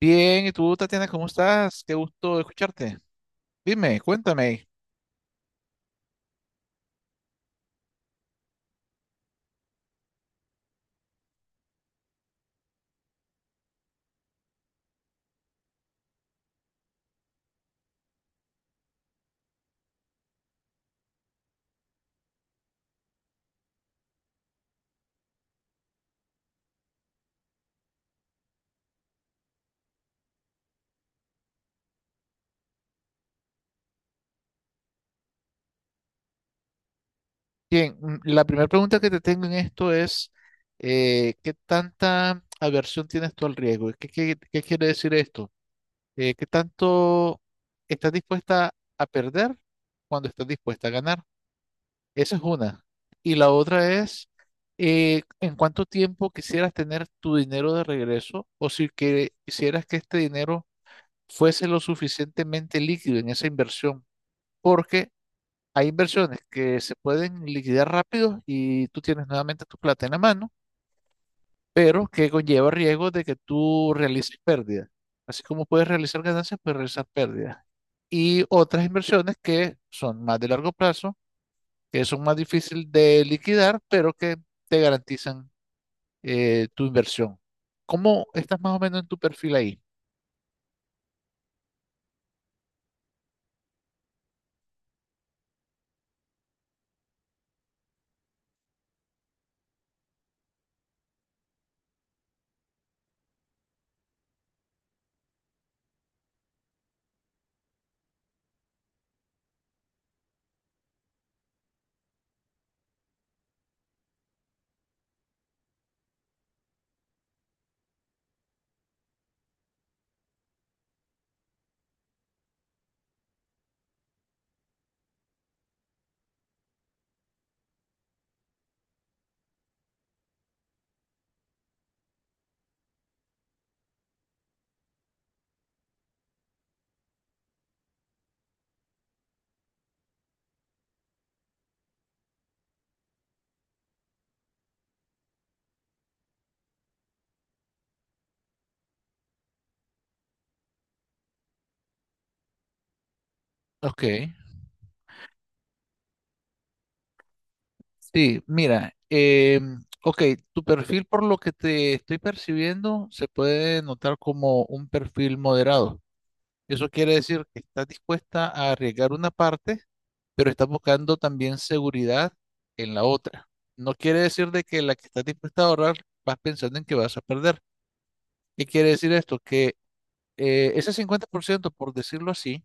Bien, ¿y tú, Tatiana, cómo estás? Qué gusto escucharte. Dime, cuéntame. Bien, la primera pregunta que te tengo en esto es, ¿qué tanta aversión tienes tú al riesgo? ¿Qué, qué quiere decir esto? ¿Qué tanto estás dispuesta a perder cuando estás dispuesta a ganar? Esa es una. Y la otra es, ¿en cuánto tiempo quisieras tener tu dinero de regreso? O si que, quisieras que este dinero fuese lo suficientemente líquido en esa inversión porque hay inversiones que se pueden liquidar rápido y tú tienes nuevamente tu plata en la mano, pero que conlleva riesgo de que tú realices pérdidas. Así como puedes realizar ganancias, puedes realizar pérdidas. Y otras inversiones que son más de largo plazo, que son más difíciles de liquidar, pero que te garantizan tu inversión. ¿Cómo estás más o menos en tu perfil ahí? Ok. Sí, mira, ok, tu perfil por lo que te estoy percibiendo se puede notar como un perfil moderado. Eso quiere decir que estás dispuesta a arriesgar una parte, pero estás buscando también seguridad en la otra. No quiere decir de que la que estás dispuesta a ahorrar vas pensando en que vas a perder. ¿Qué quiere decir esto? Que ese 50%, por ciento, por decirlo así,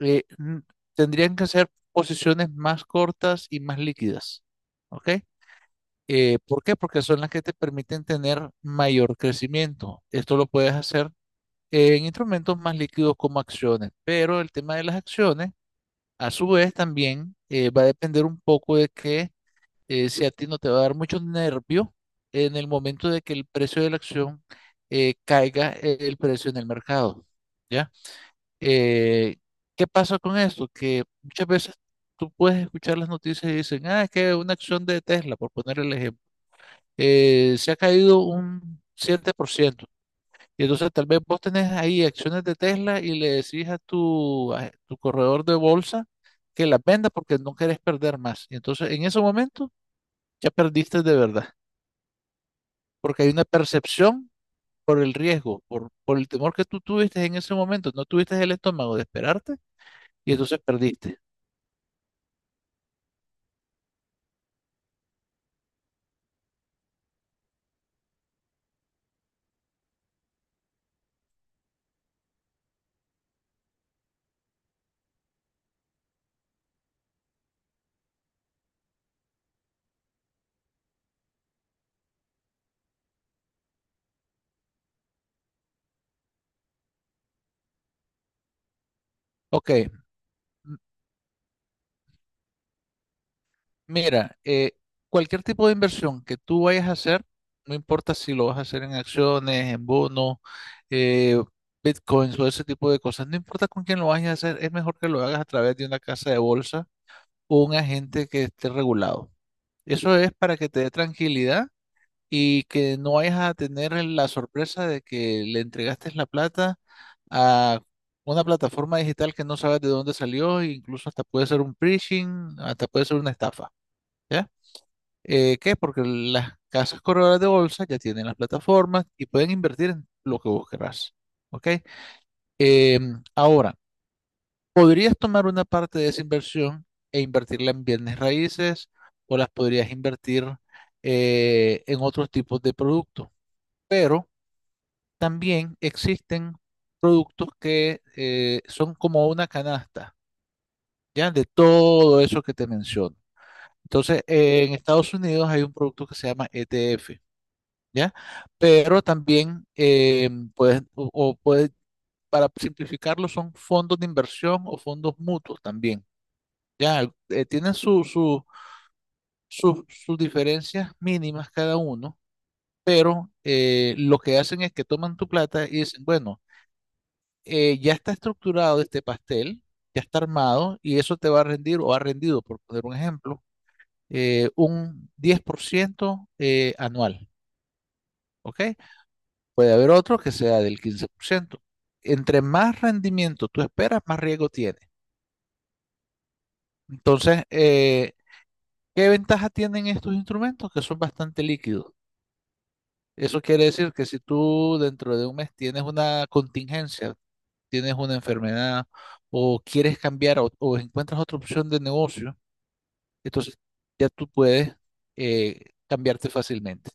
eh, n- tendrían que ser posiciones más cortas y más líquidas. ¿Ok? ¿Por qué? Porque son las que te permiten tener mayor crecimiento. Esto lo puedes hacer en instrumentos más líquidos como acciones, pero el tema de las acciones, a su vez, también va a depender un poco de que si a ti no te va a dar mucho nervio en el momento de que el precio de la acción caiga el precio en el mercado. ¿Ya? Eh, ¿qué pasa con esto? Que muchas veces tú puedes escuchar las noticias y dicen, ah, es que una acción de Tesla, por poner el ejemplo se ha caído un 7%. Y entonces tal vez vos tenés ahí acciones de Tesla y le decís a tu corredor de bolsa que las venda porque no querés perder más. Y entonces en ese momento ya perdiste de verdad, porque hay una percepción por el riesgo, por el temor que tú tuviste en ese momento, no tuviste el estómago de esperarte y entonces perdiste. Ok. Mira, cualquier tipo de inversión que tú vayas a hacer, no importa si lo vas a hacer en acciones, en bonos, eh, bitcoins o ese tipo de cosas, no importa con quién lo vayas a hacer, es mejor que lo hagas a través de una casa de bolsa o un agente que esté regulado. Eso es para que te dé tranquilidad y que no vayas a tener la sorpresa de que le entregaste la plata a una plataforma digital que no sabes de dónde salió, e incluso hasta puede ser un phishing, hasta puede ser una estafa. ¿Ya? ¿Qué? Porque las casas corredoras de bolsa ya tienen las plataformas y pueden invertir en lo que vos querrás. ¿Ok? Ahora, podrías tomar una parte de esa inversión e invertirla en bienes raíces o las podrías invertir en otros tipos de productos. Pero también existen productos que son como una canasta, ¿ya? De todo eso que te menciono. Entonces, en Estados Unidos hay un producto que se llama ETF. ¿Ya? Pero también puedes, o puedes, para simplificarlo, son fondos de inversión o fondos mutuos también, ¿ya? Tienen sus diferencias mínimas cada uno, pero lo que hacen es que toman tu plata y dicen, bueno, ya está estructurado este pastel, ya está armado y eso te va a rendir o ha rendido, por poner un ejemplo, un 10% anual, ¿ok? Puede haber otro que sea del 15%. Entre más rendimiento tú esperas, más riesgo tiene. Entonces, ¿qué ventaja tienen estos instrumentos? Que son bastante líquidos. Eso quiere decir que si tú dentro de un mes tienes una contingencia, tienes una enfermedad o quieres cambiar o encuentras otra opción de negocio, entonces ya tú puedes cambiarte fácilmente.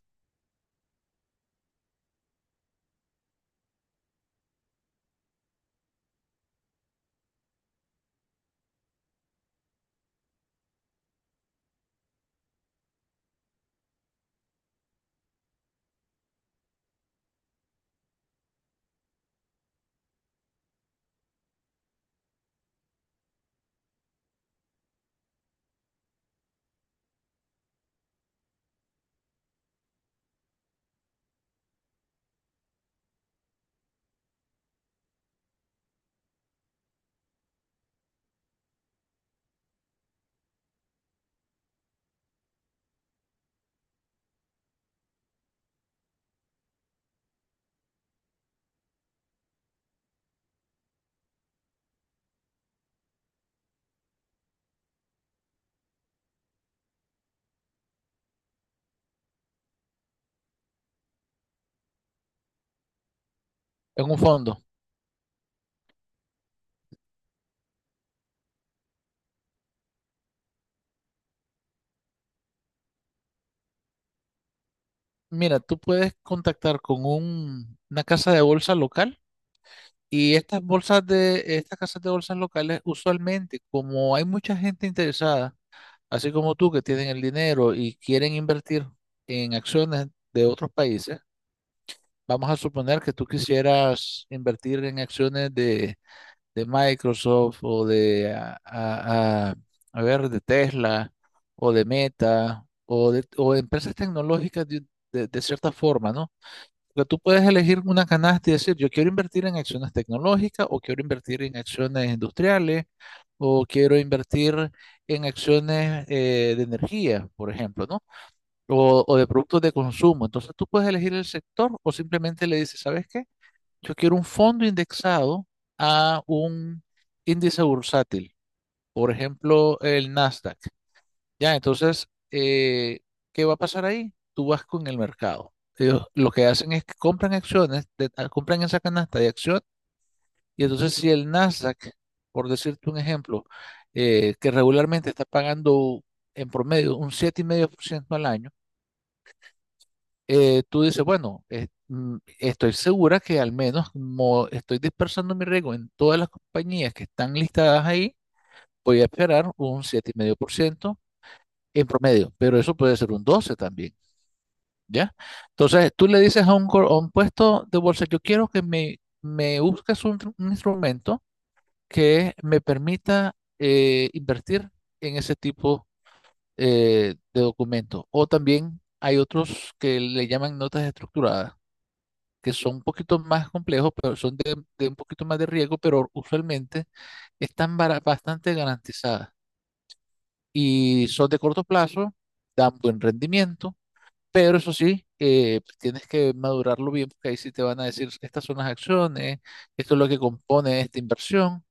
En un fondo, mira, tú puedes contactar con una casa de bolsa local. Y estas bolsas estas casas de bolsas locales, usualmente, como hay mucha gente interesada, así como tú que tienen el dinero y quieren invertir en acciones de otros países, vamos a suponer que tú quisieras invertir en acciones de Microsoft o de, a ver, de Tesla o de Meta o o empresas tecnológicas de cierta forma, ¿no? Porque tú puedes elegir una canasta y decir, yo quiero invertir en acciones tecnológicas o quiero invertir en acciones industriales o quiero invertir en acciones de energía, por ejemplo, ¿no? O de productos de consumo. Entonces tú puedes elegir el sector o simplemente le dices, ¿sabes qué? Yo quiero un fondo indexado a un índice bursátil, por ejemplo, el Nasdaq. Ya, entonces, ¿qué va a pasar ahí? Tú vas con el mercado. Ellos lo que hacen es que compran acciones, compran esa canasta de acción, y entonces si el Nasdaq, por decirte un ejemplo, que regularmente está pagando en promedio un 7,5% al año, tú dices, bueno, estoy segura que al menos como estoy dispersando mi riesgo en todas las compañías que están listadas ahí, voy a esperar un 7,5% en promedio, pero eso puede ser un 12 también. ¿Ya? Entonces, tú le dices a a un puesto de bolsa, yo quiero que me busques un instrumento que me permita invertir en ese tipo de documento. O también hay otros que le llaman notas estructuradas, que son un poquito más complejos, pero son de un poquito más de riesgo, pero usualmente están bastante garantizadas y son de corto plazo, dan buen rendimiento pero eso sí, tienes que madurarlo bien, porque ahí sí te van a decir, estas son las acciones, esto es lo que compone esta inversión.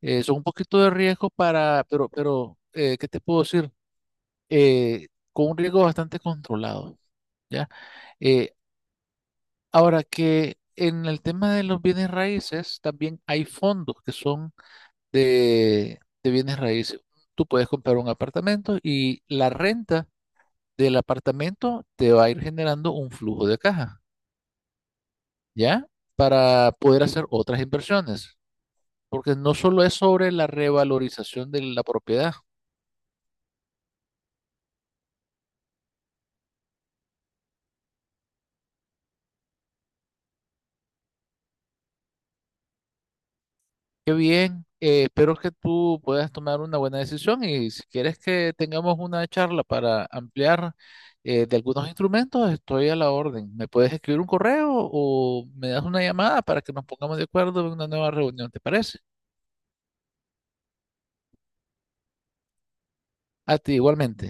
Son un poquito de riesgo para, pero ¿qué te puedo decir? Eh, con un riesgo bastante controlado, ¿ya? Eh, ahora que en el tema de los bienes raíces, también hay fondos que son de bienes raíces. Tú puedes comprar un apartamento y la renta del apartamento te va a ir generando un flujo de caja. ¿Ya? Para poder hacer otras inversiones, porque no solo es sobre la revalorización de la propiedad. Qué bien, espero que tú puedas tomar una buena decisión y si quieres que tengamos una charla para ampliar de algunos instrumentos, estoy a la orden. ¿Me puedes escribir un correo o me das una llamada para que nos pongamos de acuerdo en una nueva reunión? ¿Te parece? A ti igualmente.